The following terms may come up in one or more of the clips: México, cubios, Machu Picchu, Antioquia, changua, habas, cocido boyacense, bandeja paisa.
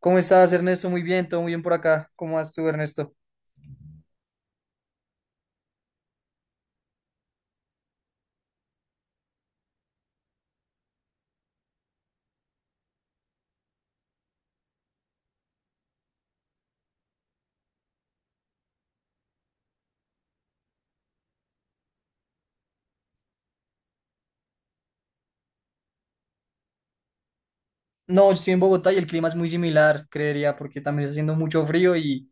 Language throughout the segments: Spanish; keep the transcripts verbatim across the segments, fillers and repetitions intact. ¿Cómo estás, Ernesto? Muy bien, todo muy bien por acá. ¿Cómo vas tú, Ernesto? No, yo estoy en Bogotá y el clima es muy similar, creería, porque también está haciendo mucho frío y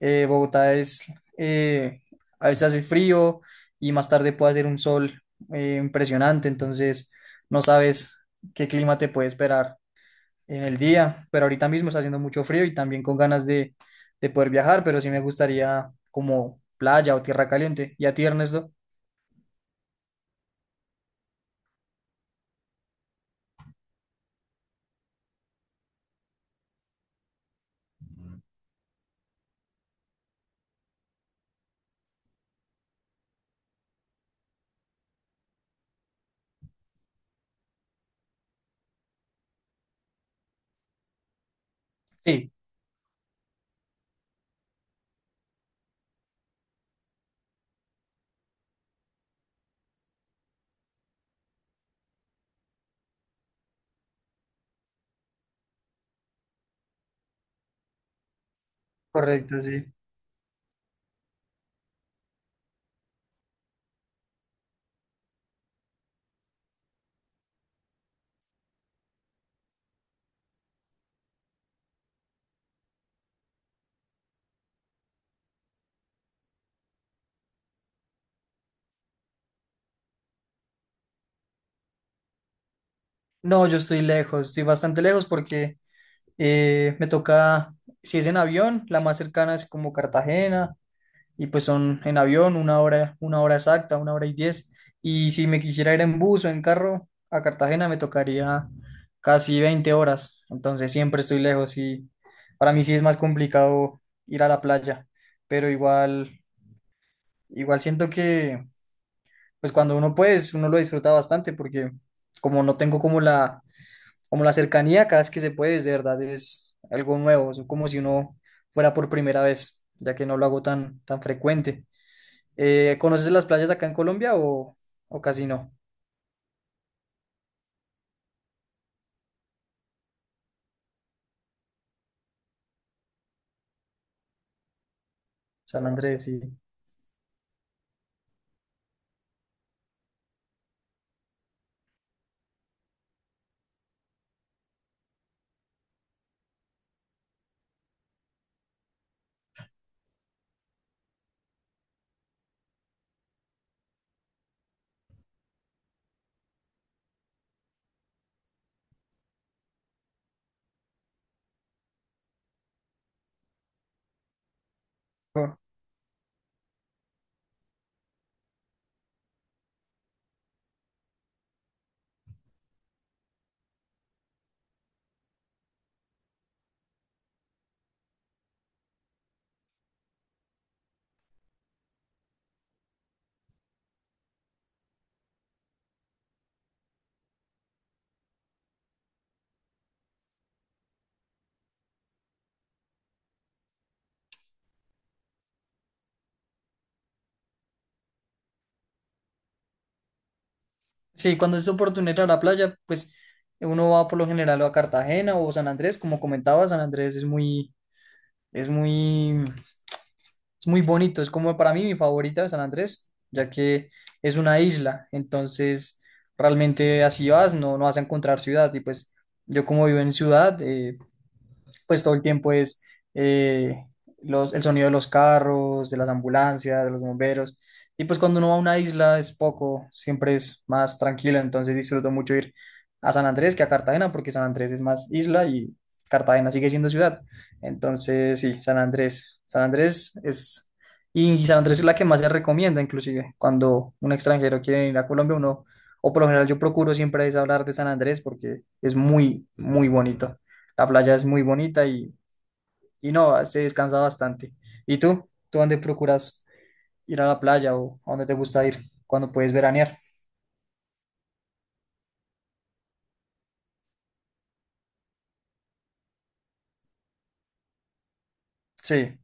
eh, Bogotá es, eh, a veces hace frío y más tarde puede hacer un sol eh, impresionante. Entonces no sabes qué clima te puede esperar en el día, pero ahorita mismo está haciendo mucho frío y también con ganas de, de poder viajar, pero sí me gustaría como playa o tierra caliente. ¿Y a ti, Ernesto? Sí, correcto, sí. No, yo estoy lejos, estoy bastante lejos porque eh, me toca, si es en avión, la más cercana es como Cartagena y pues son en avión una hora, una hora exacta, una hora y diez. Y si me quisiera ir en bus o en carro a Cartagena me tocaría casi veinte horas, entonces siempre estoy lejos y para mí sí es más complicado ir a la playa, pero igual, igual siento que pues cuando uno puede, uno lo disfruta bastante porque como no tengo como la como la cercanía cada vez que se puede, es de verdad, es algo nuevo, es como si uno fuera por primera vez, ya que no lo hago tan, tan frecuente. Eh, ¿conoces las playas acá en Colombia o, o casi no? San Andrés, sí. Ah. Sí, cuando es oportunidad ir a la playa, pues uno va por lo general o a Cartagena o San Andrés, como comentaba, San Andrés es muy, Es muy, es muy bonito. Es como para mí mi favorita de San Andrés, ya que es una isla, entonces realmente así vas, no, no vas a encontrar ciudad y pues yo como vivo en ciudad, eh, pues todo el tiempo es eh, los, el sonido de los carros, de las ambulancias, de los bomberos. Y pues cuando uno va a una isla es poco, siempre es más tranquilo, entonces disfruto mucho ir a San Andrés que a Cartagena, porque San Andrés es más isla y Cartagena sigue siendo ciudad. Entonces, sí, San Andrés. San Andrés es... Y San Andrés es la que más se recomienda, inclusive, cuando un extranjero quiere ir a Colombia, uno, o por lo general yo procuro siempre es hablar de San Andrés porque es muy, muy bonito. La playa es muy bonita y, y no, se descansa bastante. ¿Y tú? ¿Tú dónde procuras ir a la playa o a dónde te gusta ir cuando puedes veranear? Sí.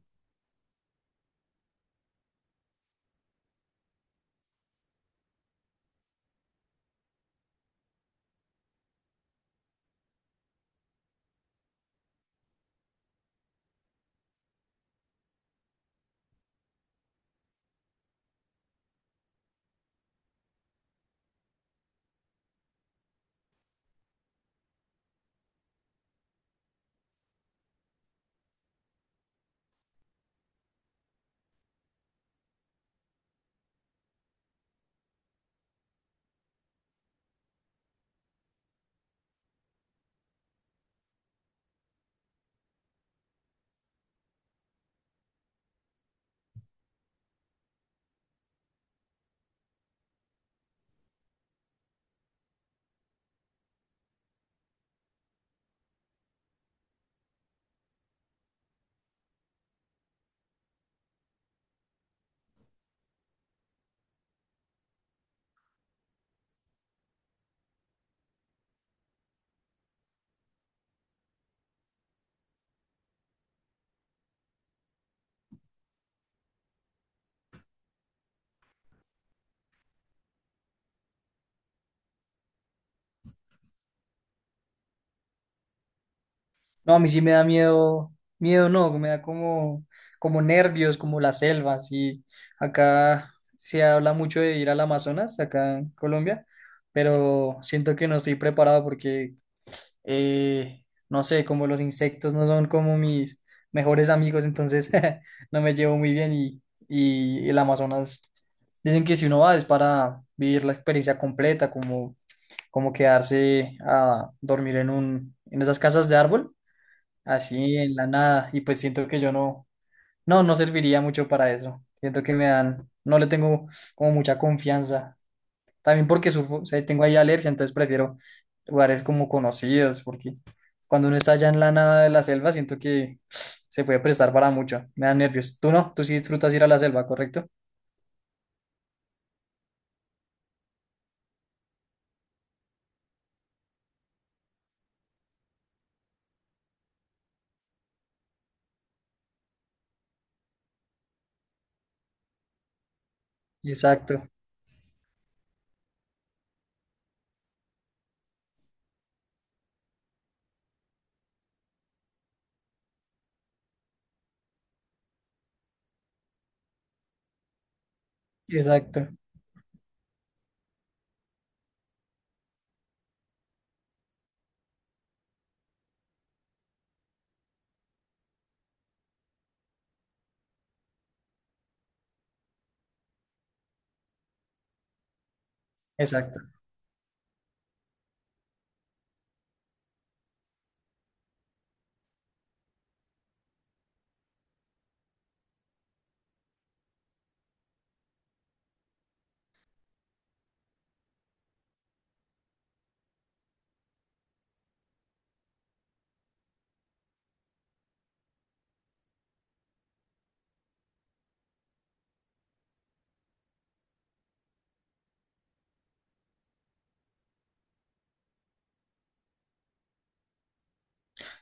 No, a mí sí me da miedo, miedo no, me da como, como, nervios, como las selvas. Y acá se habla mucho de ir al Amazonas, acá en Colombia, pero siento que no estoy preparado porque eh, no sé, como los insectos no son como mis mejores amigos, entonces no me llevo muy bien y, y el Amazonas, dicen que si uno va es para vivir la experiencia completa, como, como quedarse a dormir en un, en esas casas de árbol, así en la nada, y pues siento que yo no, no, no serviría mucho para eso, siento que me dan, no le tengo como mucha confianza también porque surfo, o sea, tengo ahí alergia, entonces prefiero lugares como conocidos, porque cuando uno está allá en la nada de la selva, siento que se puede prestar para mucho. Me da nervios. Tú no, tú sí disfrutas ir a la selva, ¿correcto? Exacto, exacto, exacto.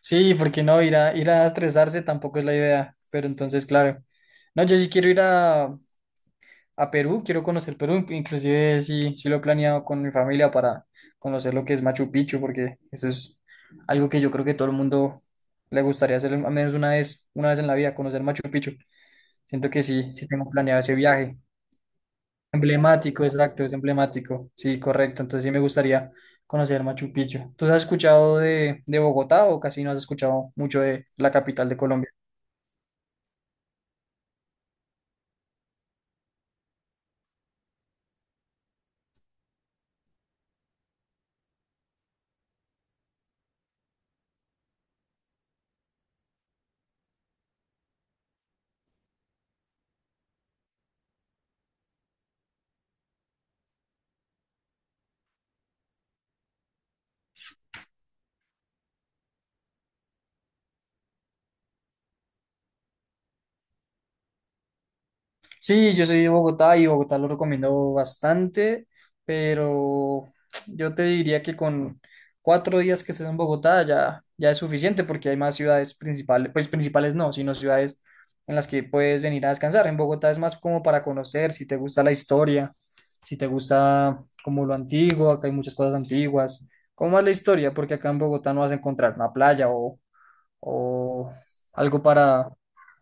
Sí, porque no, ir a, ir a estresarse tampoco es la idea, pero entonces, claro. No, yo sí quiero ir a, a Perú, quiero conocer Perú, inclusive sí, sí lo he planeado con mi familia para conocer lo que es Machu Picchu, porque eso es algo que yo creo que todo el mundo le gustaría hacer al menos una vez, una vez en la vida, conocer Machu Picchu. Siento que sí, sí tengo planeado ese viaje. Emblemático, exacto, es emblemático. Sí, correcto. Entonces sí me gustaría conocer Machu Picchu. ¿Tú has escuchado de, de Bogotá o casi no has escuchado mucho de la capital de Colombia? Sí, yo soy de Bogotá y Bogotá lo recomiendo bastante, pero yo te diría que con cuatro días que estés en Bogotá ya, ya es suficiente porque hay más ciudades principales, pues principales no, sino ciudades en las que puedes venir a descansar. En Bogotá es más como para conocer, si te gusta la historia, si te gusta como lo antiguo, acá hay muchas cosas antiguas, como más la historia, porque acá en Bogotá no vas a encontrar una playa o, o algo para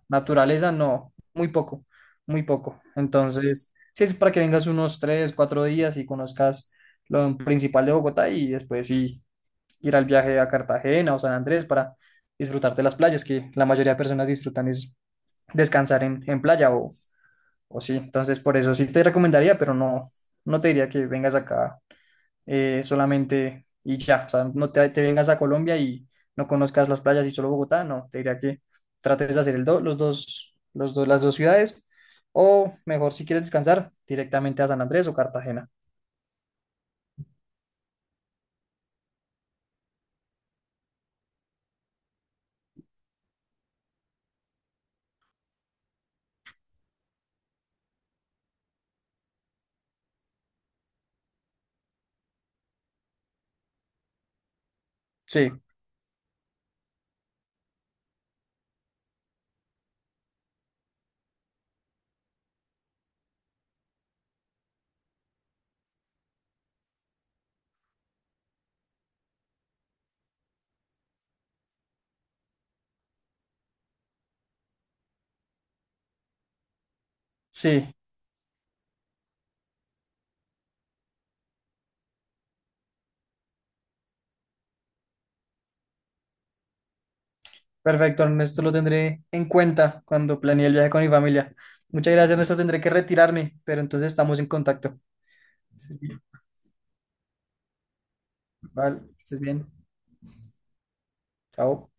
naturaleza, no, muy poco, muy poco. Entonces, sí, es para que vengas unos tres, cuatro días y conozcas lo principal de Bogotá y después sí ir al viaje a Cartagena o San Andrés para disfrutar de las playas, que la mayoría de personas disfrutan es descansar en, en playa o, o sí. Entonces, por eso sí te recomendaría, pero no, no te diría que vengas acá eh, solamente y ya, o sea, no te, te vengas a Colombia y no conozcas las playas y solo Bogotá, no, te diría que trates de hacer el do- los dos, los dos, las dos ciudades, o mejor si quieres descansar, directamente a San Andrés o Cartagena. Sí, sí, perfecto, Ernesto, lo tendré en cuenta cuando planee el viaje con mi familia. Muchas gracias, Ernesto, tendré que retirarme, pero entonces estamos en contacto. Sí, vale, que estés bien, chao.